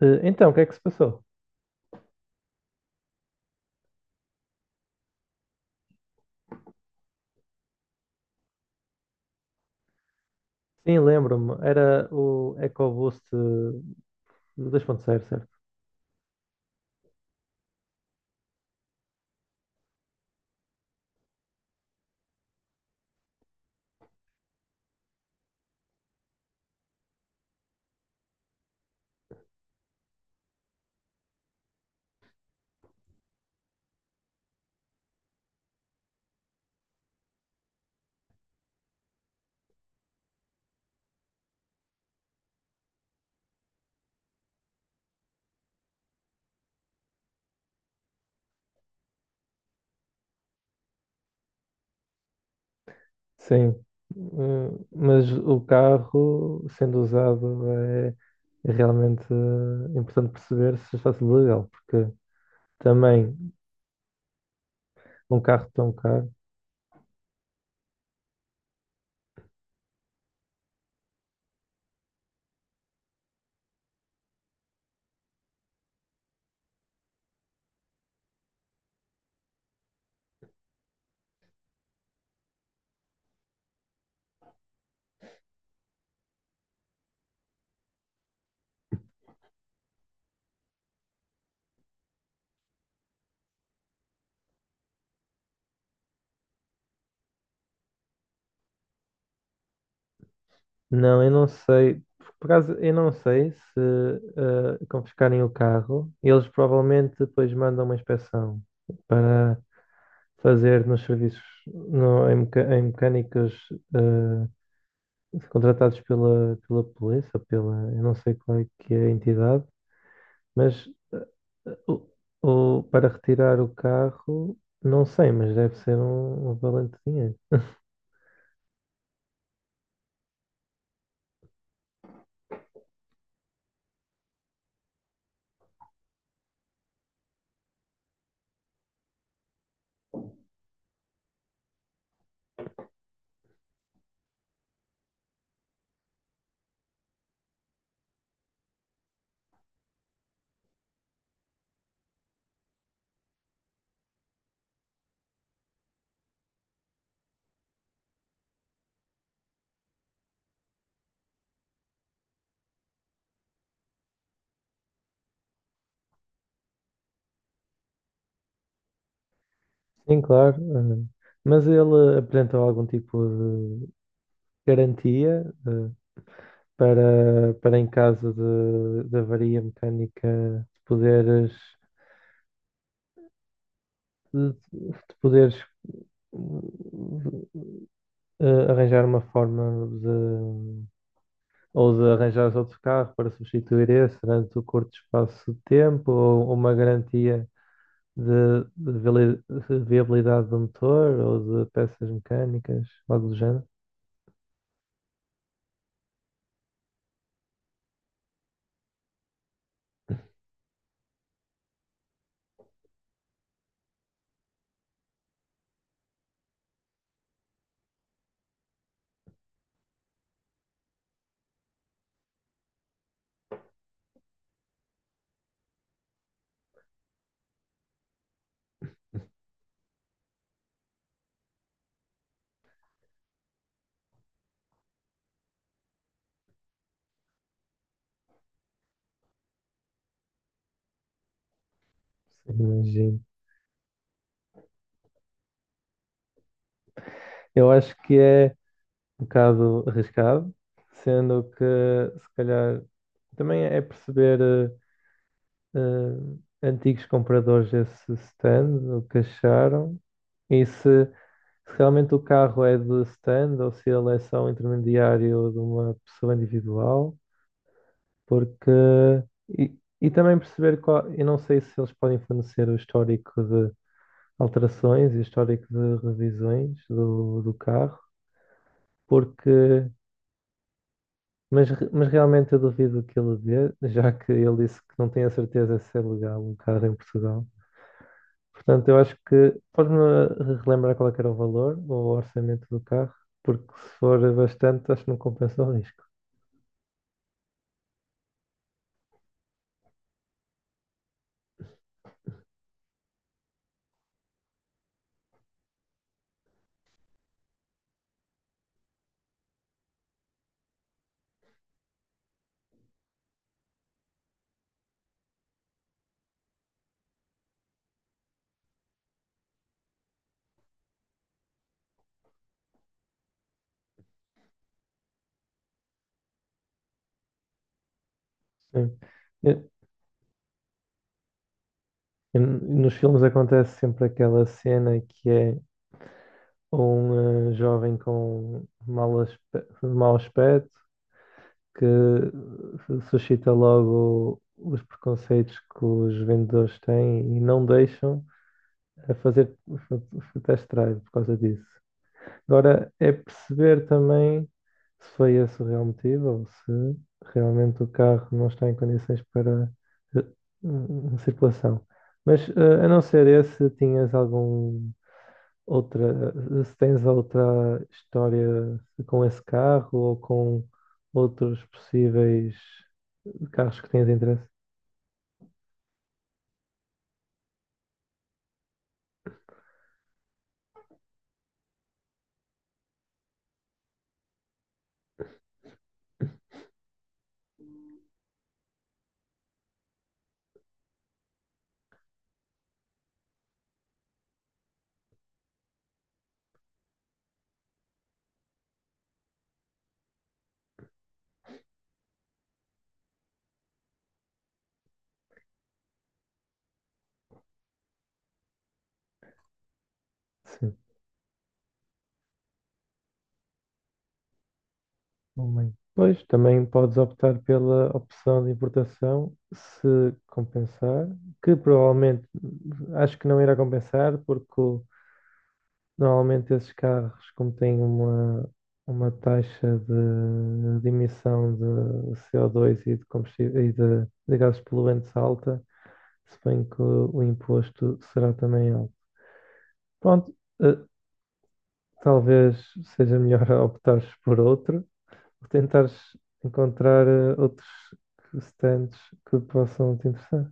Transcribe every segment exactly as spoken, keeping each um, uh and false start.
Eh, Então, o que é que se passou? Sim, lembro-me. Era o EcoBoost eh, dois ponto zero, certo? Sim. Hum, mas o carro, sendo usado, é é realmente eh, importante perceber se está tudo legal, porque também um carro tão caro. Não, eu não sei. Por acaso, eu não sei se eh, confiscarem o carro, eles provavelmente depois mandam uma inspeção para fazer nos serviços, no- em, meca- em mecânicas eh, contratados pela, pela polícia, pela, eu não sei qual é que é a entidade, mas eh, o, o- para retirar o carro, não sei, mas deve ser um, um valente dinheiro. Sim, claro. Eh, mas ele apresentou algum tipo de garantia? Uh, para, para em caso de, de avaria mecânica, de poderes, de, de poderes hum, eh, arranjar uma forma de, ou de arranjares outro carro para substituir esse durante o curto espaço de tempo, ou uma garantia de, de vali- de viabilidade do motor ou de peças mecânicas, algo do género. Sim, imagino. Eu acho que é um bocado arriscado, sendo que se calhar também é perceber eh, eh, antigos compradores desse stand, o que acharam, e se, se realmente o carro é de stand ou se ele é só um intermediário de uma pessoa individual, porque e, e também perceber qual, eu não sei se eles podem fornecer o histórico de alterações e o histórico de revisões do, do carro, porque... Mas, re- mas realmente eu duvido que ele dê, já que ele disse que não tem a certeza se é legal um carro em Portugal. Portanto, eu acho que podes-me relembrar qual é que era o valor ou o orçamento do carro, porque se for bastante, acho que não compensa o risco. Sim. Eu- eu- Nos filmes acontece sempre aquela cena que é um eh, jovem com mau aspe- mau aspecto que eh, suscita logo os preconceitos que os vendedores têm e não deixam a fazer o test drive por causa disso. Agora é perceber também se foi esse o real motivo ou se realmente o carro não está em condições para eh, hum, circulação. Mas eh, a não ser esse, tinhas algum outra, eh, se tens outra história com esse carro ou com outros possíveis carros que tens interesse? Sim. Alemanha. Pois, também podes optar pela opção de importação se compensar, que provavelmente acho que não irá compensar, porque o- normalmente esses carros, como têm uma, uma taxa de, de emissão de C O dois e de combustível e de, de gases poluentes alta, se bem que o, o imposto será também alto. Pronto, eh, talvez seja melhor optares por outro. Por tentares encontrar eh, outros stands que possam te interessar.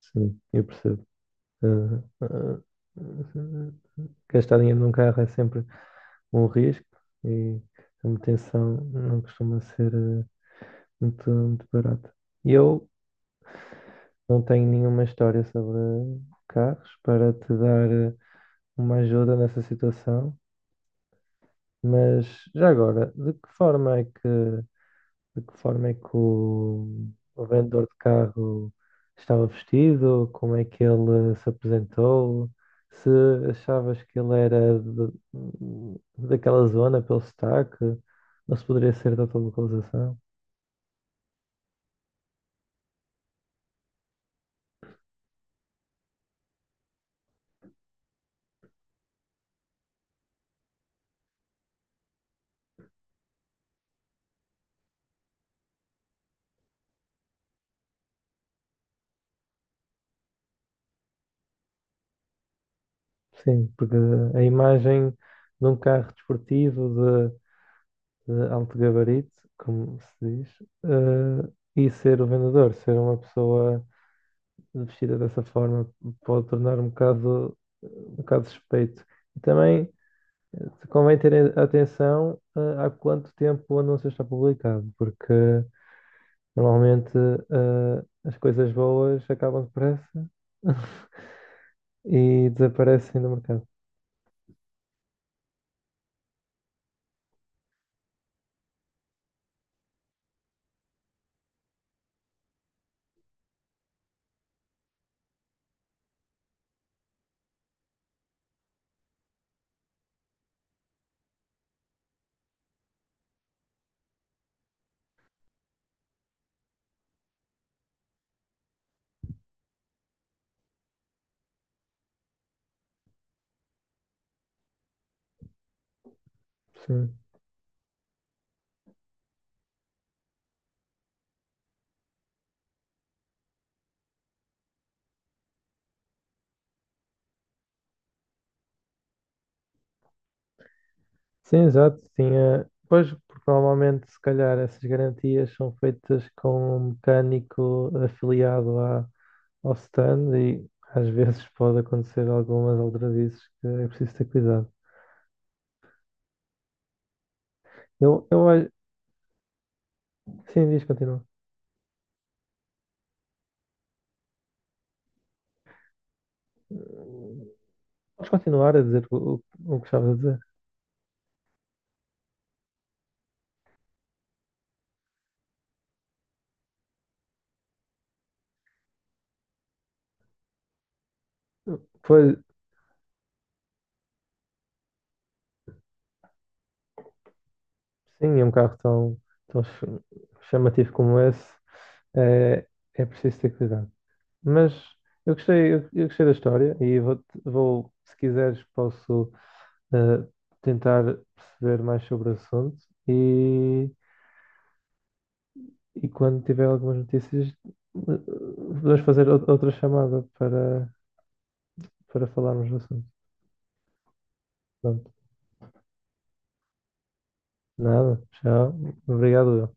Sim, eu percebo. Ah, ah, ah, gastar dinheiro num carro é sempre um risco e a manutenção não costuma ser eh, muito, muito barata. Eu não tenho nenhuma história sobre carros para te dar eh, uma ajuda nessa situação, mas já agora, de que forma é que de que forma é que o, o vendedor de carro estava vestido, como é que ele se apresentou, se achavas que ele era de- daquela zona pelo sotaque, ou se poderia ser de outra localização. Sim, porque a imagem de um carro desportivo de, de alto gabarito, como se diz, eh, e ser o vendedor, ser uma pessoa vestida dessa forma pode tornar um bocado, um bocado suspeito. E também eh, convém ter atenção eh, há quanto tempo o anúncio está publicado, porque normalmente eh, as coisas boas acabam depressa e desaparecem do mercado. Sim, sim, exato. Tinha... Pois, porque normalmente, se calhar, essas garantias são feitas com um mecânico afiliado à, ao stand e às vezes pode acontecer algumas aldrabices que é preciso ter cuidado. Eu, eu acho. Sim, diz, continua. Podes continuar a dizer o, o, o que estavas a dizer. Pois, sim, é um carro tão, tão ch- chamativo como esse, é, é preciso ter cuidado. Mas eu gostei, eu, eu gostei da história e vou, vou, se quiseres, posso eh, tentar perceber mais sobre o assunto e E quando tiver algumas notícias, eh, podemos fazer ou- outra chamada para, para falarmos do assunto. Pronto. Nada. Tchau. Obrigado.